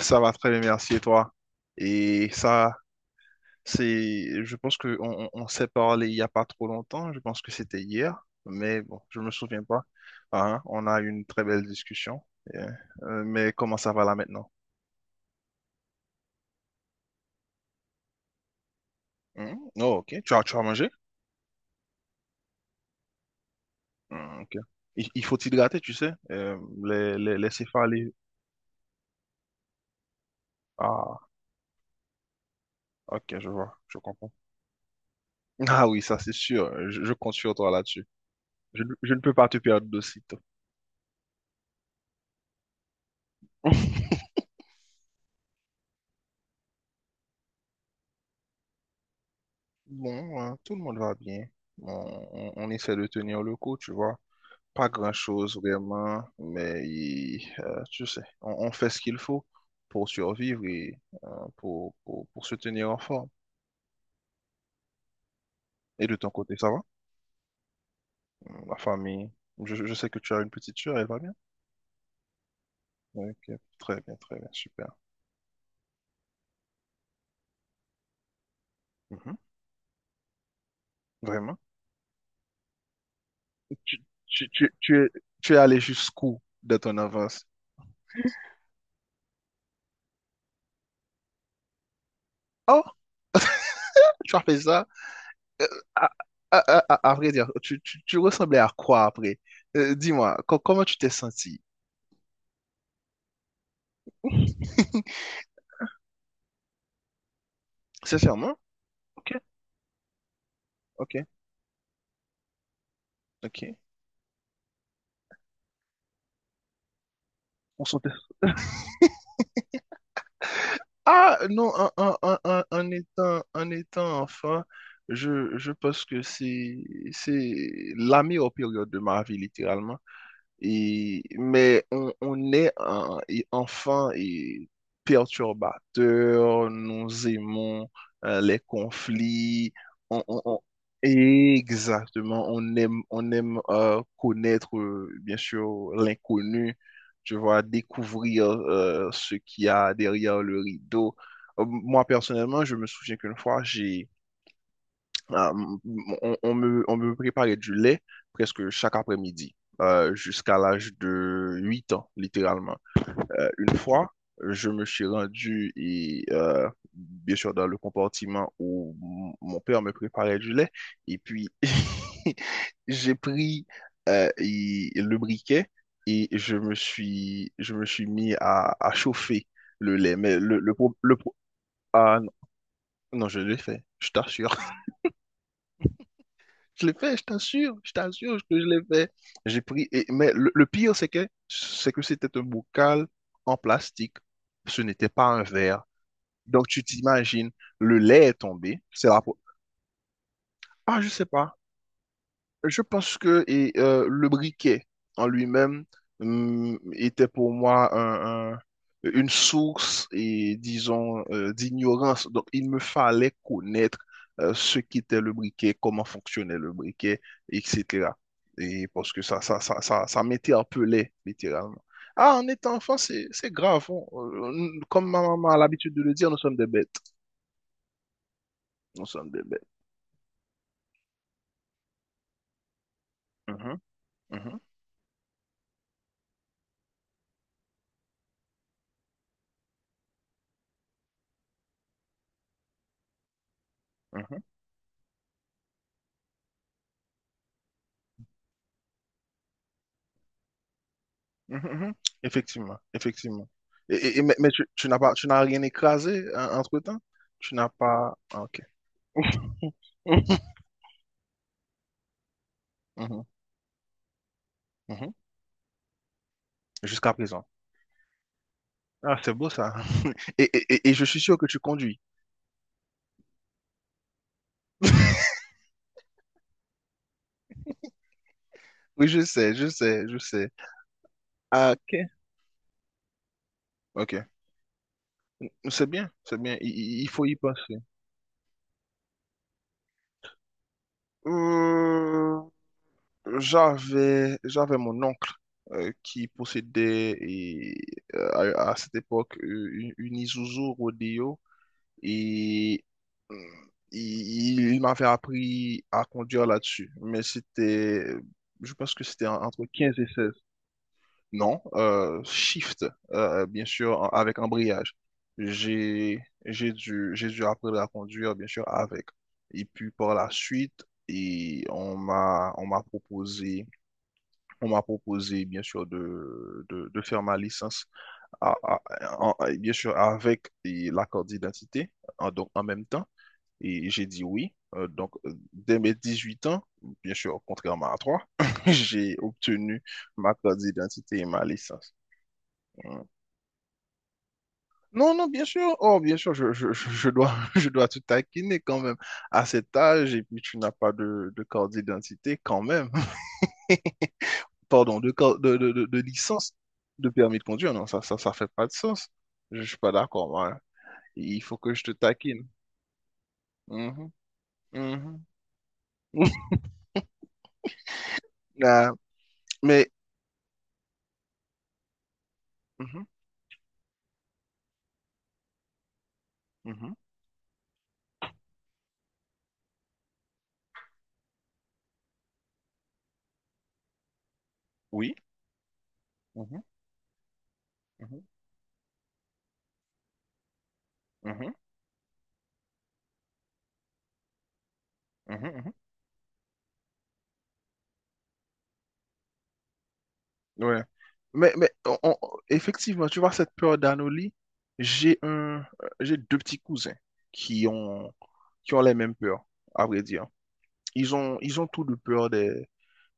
Ça va très bien, merci et toi. Et ça, c'est, je pense que on s'est parlé il n'y a pas trop longtemps, je pense que c'était hier, mais bon, je me souviens pas. Ah, hein, on a eu une très belle discussion. Et, mais comment ça va là maintenant? Hmm, oh, ok, tu as mangé? Hmm, ok. Il faut t'hydrater, tu sais. Les céphalées. Ah, ok, je vois, je comprends. Ah oui, ça c'est sûr, je compte sur toi là-dessus. Je ne peux pas te perdre de sitôt. Bon, hein, tout le monde va bien. On, on essaie de tenir le coup, tu vois. Pas grand-chose vraiment, mais tu sais, on fait ce qu'il faut pour survivre et pour se tenir en forme. Et de ton côté, ça va? La famille, je sais que tu as une petite sœur, elle va bien? Ok, très bien, super. Mhm, vraiment? Tu, tu, tu, tu es, tu es allé jusqu'où de ton avance? Oh, tu as fait ça? Euh, à, à vrai dire, tu ressemblais à quoi après? Dis-moi, comment tu t'es senti? Sincèrement? Ok, ok, ok. On sentait. Ah non, en étant enfant, je pense que c'est la meilleure période de ma vie, littéralement. Et, mais on est et enfant et perturbateur, nous aimons les conflits, on, on- on- exactement, on aime connaître, bien sûr, l'inconnu, tu vois, découvrir ce qu'il y a derrière le rideau. Moi, personnellement, je me souviens qu'une fois, j'ai euh, on me préparait du lait presque chaque après-midi, jusqu'à l'âge de 8 ans, littéralement. Une fois, je me suis rendu, bien sûr, dans le compartiment où mon père me préparait du lait, et puis j'ai pris le briquet et je me suis mis à chauffer le lait. Ah, non, non, je l'ai fait, je t'assure. Je l'ai fait, je t'assure que je l'ai fait. J'ai pris, mais le pire, c'est que c'était un bocal en plastique. Ce n'était pas un verre. Donc, tu t'imagines, le lait est tombé. Ah, je sais pas. Je pense que le briquet en lui-même était pour moi une source et disons d'ignorance. Donc il me fallait connaître ce qu'était le briquet, comment fonctionnait le briquet, etc. Et parce que ça m'interpellait littéralement. Ah, en étant enfant, c'est grave. Comme ma maman a l'habitude de le dire, nous sommes des bêtes. Nous sommes des bêtes. Mhm, mhm, mhm. Mhm, mhm. Effectivement, effectivement. Mais tu, tu n'as pas, tu n'as rien écrasé entre-temps? Tu n'as pas. Ah, ok. Mhm, mhm. Jusqu'à présent. Ah, c'est beau ça. Et je suis sûr que tu conduis. Oui, je sais, je sais, je sais. Ah, ok. Ok. C'est bien, c'est bien. Il faut y passer. Euh, j'avais mon oncle qui possédait euh, à cette époque une Isuzu Rodeo et hum, il m'avait appris à conduire là-dessus. Mais c'était, je pense que c'était entre 15 et 16. Non, shift, bien sûr, avec embrayage. J'ai dû apprendre à conduire, bien sûr, avec. Et puis par la suite, et on m'a proposé, bien sûr, de faire ma licence, à- à- bien sûr, avec et la carte d'identité, donc en même temps. Et j'ai dit oui. Donc, dès mes 18 ans, bien sûr, contrairement à toi, j'ai obtenu ma carte d'identité et ma licence. Mm. Non, non, bien sûr. Oh, bien sûr, je dois, je dois te taquiner quand même à cet âge. Et puis, tu n'as pas de carte d'identité quand même. Pardon, de licence, de permis de conduire. Non, ça fait pas de sens. Je suis pas d'accord, moi. Hein. Il faut que je te taquine. Mhm, mhm. Ah, mais, mhm, mhm. Oui. Mhm, mhm, mhm, mhm, mhm. Ouais. Mais effectivement, tu vois, cette peur d'anolie, j'ai deux petits cousins qui ont, qui ont les mêmes peurs, à vrai dire. Ils ont tous deux peur des,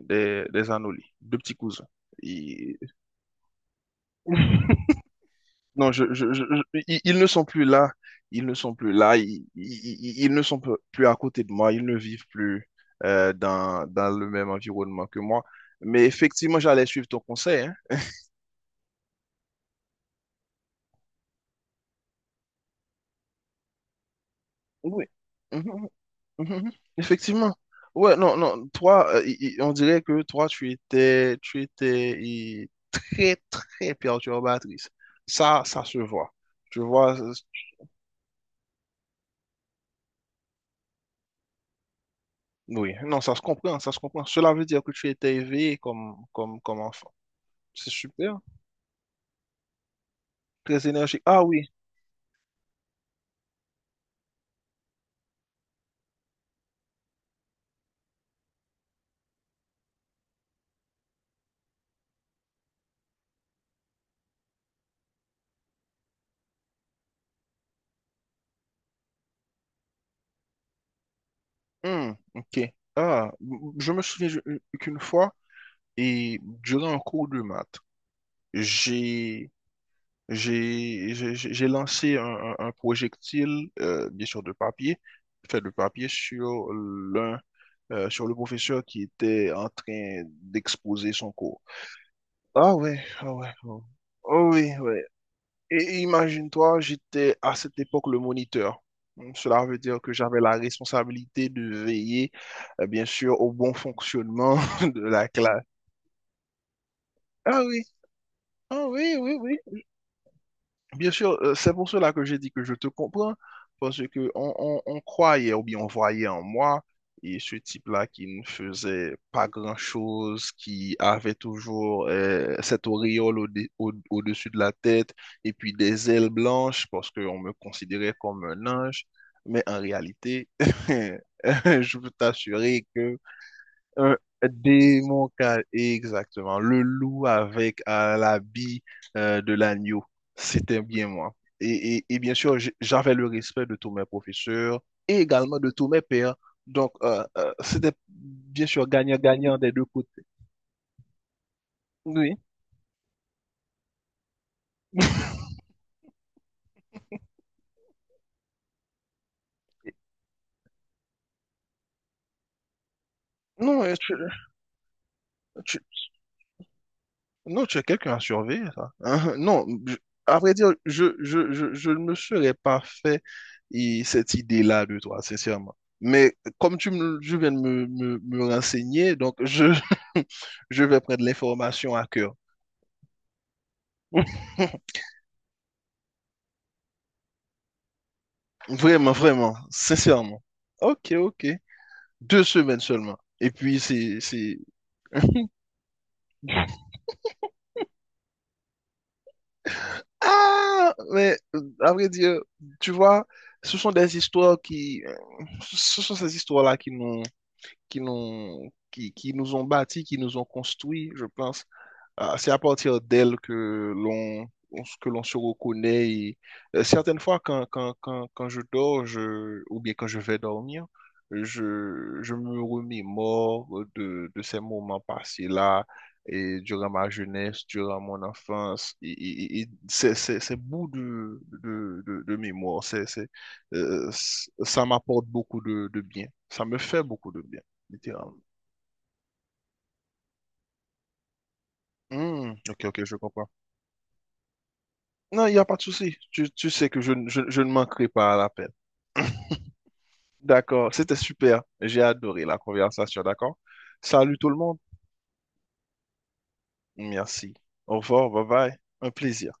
des, des anolies. Deux petits cousins. Et- non, ils ne sont plus là. Ils ne sont plus là. Ils ne sont plus à côté de moi. Ils ne vivent plus dans le même environnement que moi. Mais effectivement, j'allais suivre ton conseil, hein. Oui. Mhm, mhm. Mhm, mhm. Effectivement. Ouais, non, non. Toi, on dirait que toi, tu étais très, très perturbatrice. Ça se voit. Tu vois, oui. Non, ça se comprend, ça se comprend. Cela veut dire que tu étais éveillé comme enfant. C'est super. Très énergique. Ah oui. Hmm, ok. Ah, je me souviens qu'une fois, et durant un cours de maths, j'ai j'ai lancé un projectile, bien sûr de papier, fait de papier sur le professeur qui était en train d'exposer son cours. Ah ouais, ah ouais, oh, oh oui, ouais. Et imagine-toi, j'étais à cette époque le moniteur. Donc, cela veut dire que j'avais la responsabilité de veiller, bien sûr, au bon fonctionnement de la classe. Ah oui, ah oui, oui, oui. Bien sûr, c'est pour cela que j'ai dit que je te comprends, parce que on croyait ou bien on voyait en moi et ce type-là qui ne faisait pas grand-chose, qui avait toujours cette auréole au-dessus de la tête et puis des ailes blanches parce qu'on me considérait comme un ange, mais en réalité, je peux t'assurer un démon, exactement. Le loup avec l'habit de l'agneau. C'était bien moi. Et bien sûr, j'avais le respect de tous mes professeurs et également de tous mes pairs. Donc, c'était bien sûr gagnant-gagnant des deux côtés. Oui. Non, tu, non, tu as quelqu'un à surveiller, ça. Hein, hein, non, à vrai dire, je ne me serais pas fait et cette idée-là de toi, sincèrement. Mais comme je viens de me renseigner, donc je, je vais prendre l'information à cœur. Vraiment, vraiment, sincèrement. Ok, ok. 2 semaines seulement. Et puis, c'est... Ah, mais à vrai dire, tu vois, ce sont des histoires qui. Ce sont ces histoires-là qui nous ont bâtis, qui nous ont construits, je pense. Ah, c'est à partir d'elles que l'on se reconnaît. Et, certaines fois, quand je dors, ou bien quand je vais dormir, je me remémore de ces moments passés-là, et durant ma jeunesse, durant mon enfance, et ces bouts de mémoire, ça m'apporte beaucoup de bien. Ça me fait beaucoup de bien littéralement. Hmm, ok, ok, je comprends. Non, il n'y a pas de souci. Tu sais que je ne manquerai pas à l'appel. D'accord, c'était super. J'ai adoré la conversation, d'accord? Salut tout le monde. Merci. Au revoir, bye bye. Un plaisir.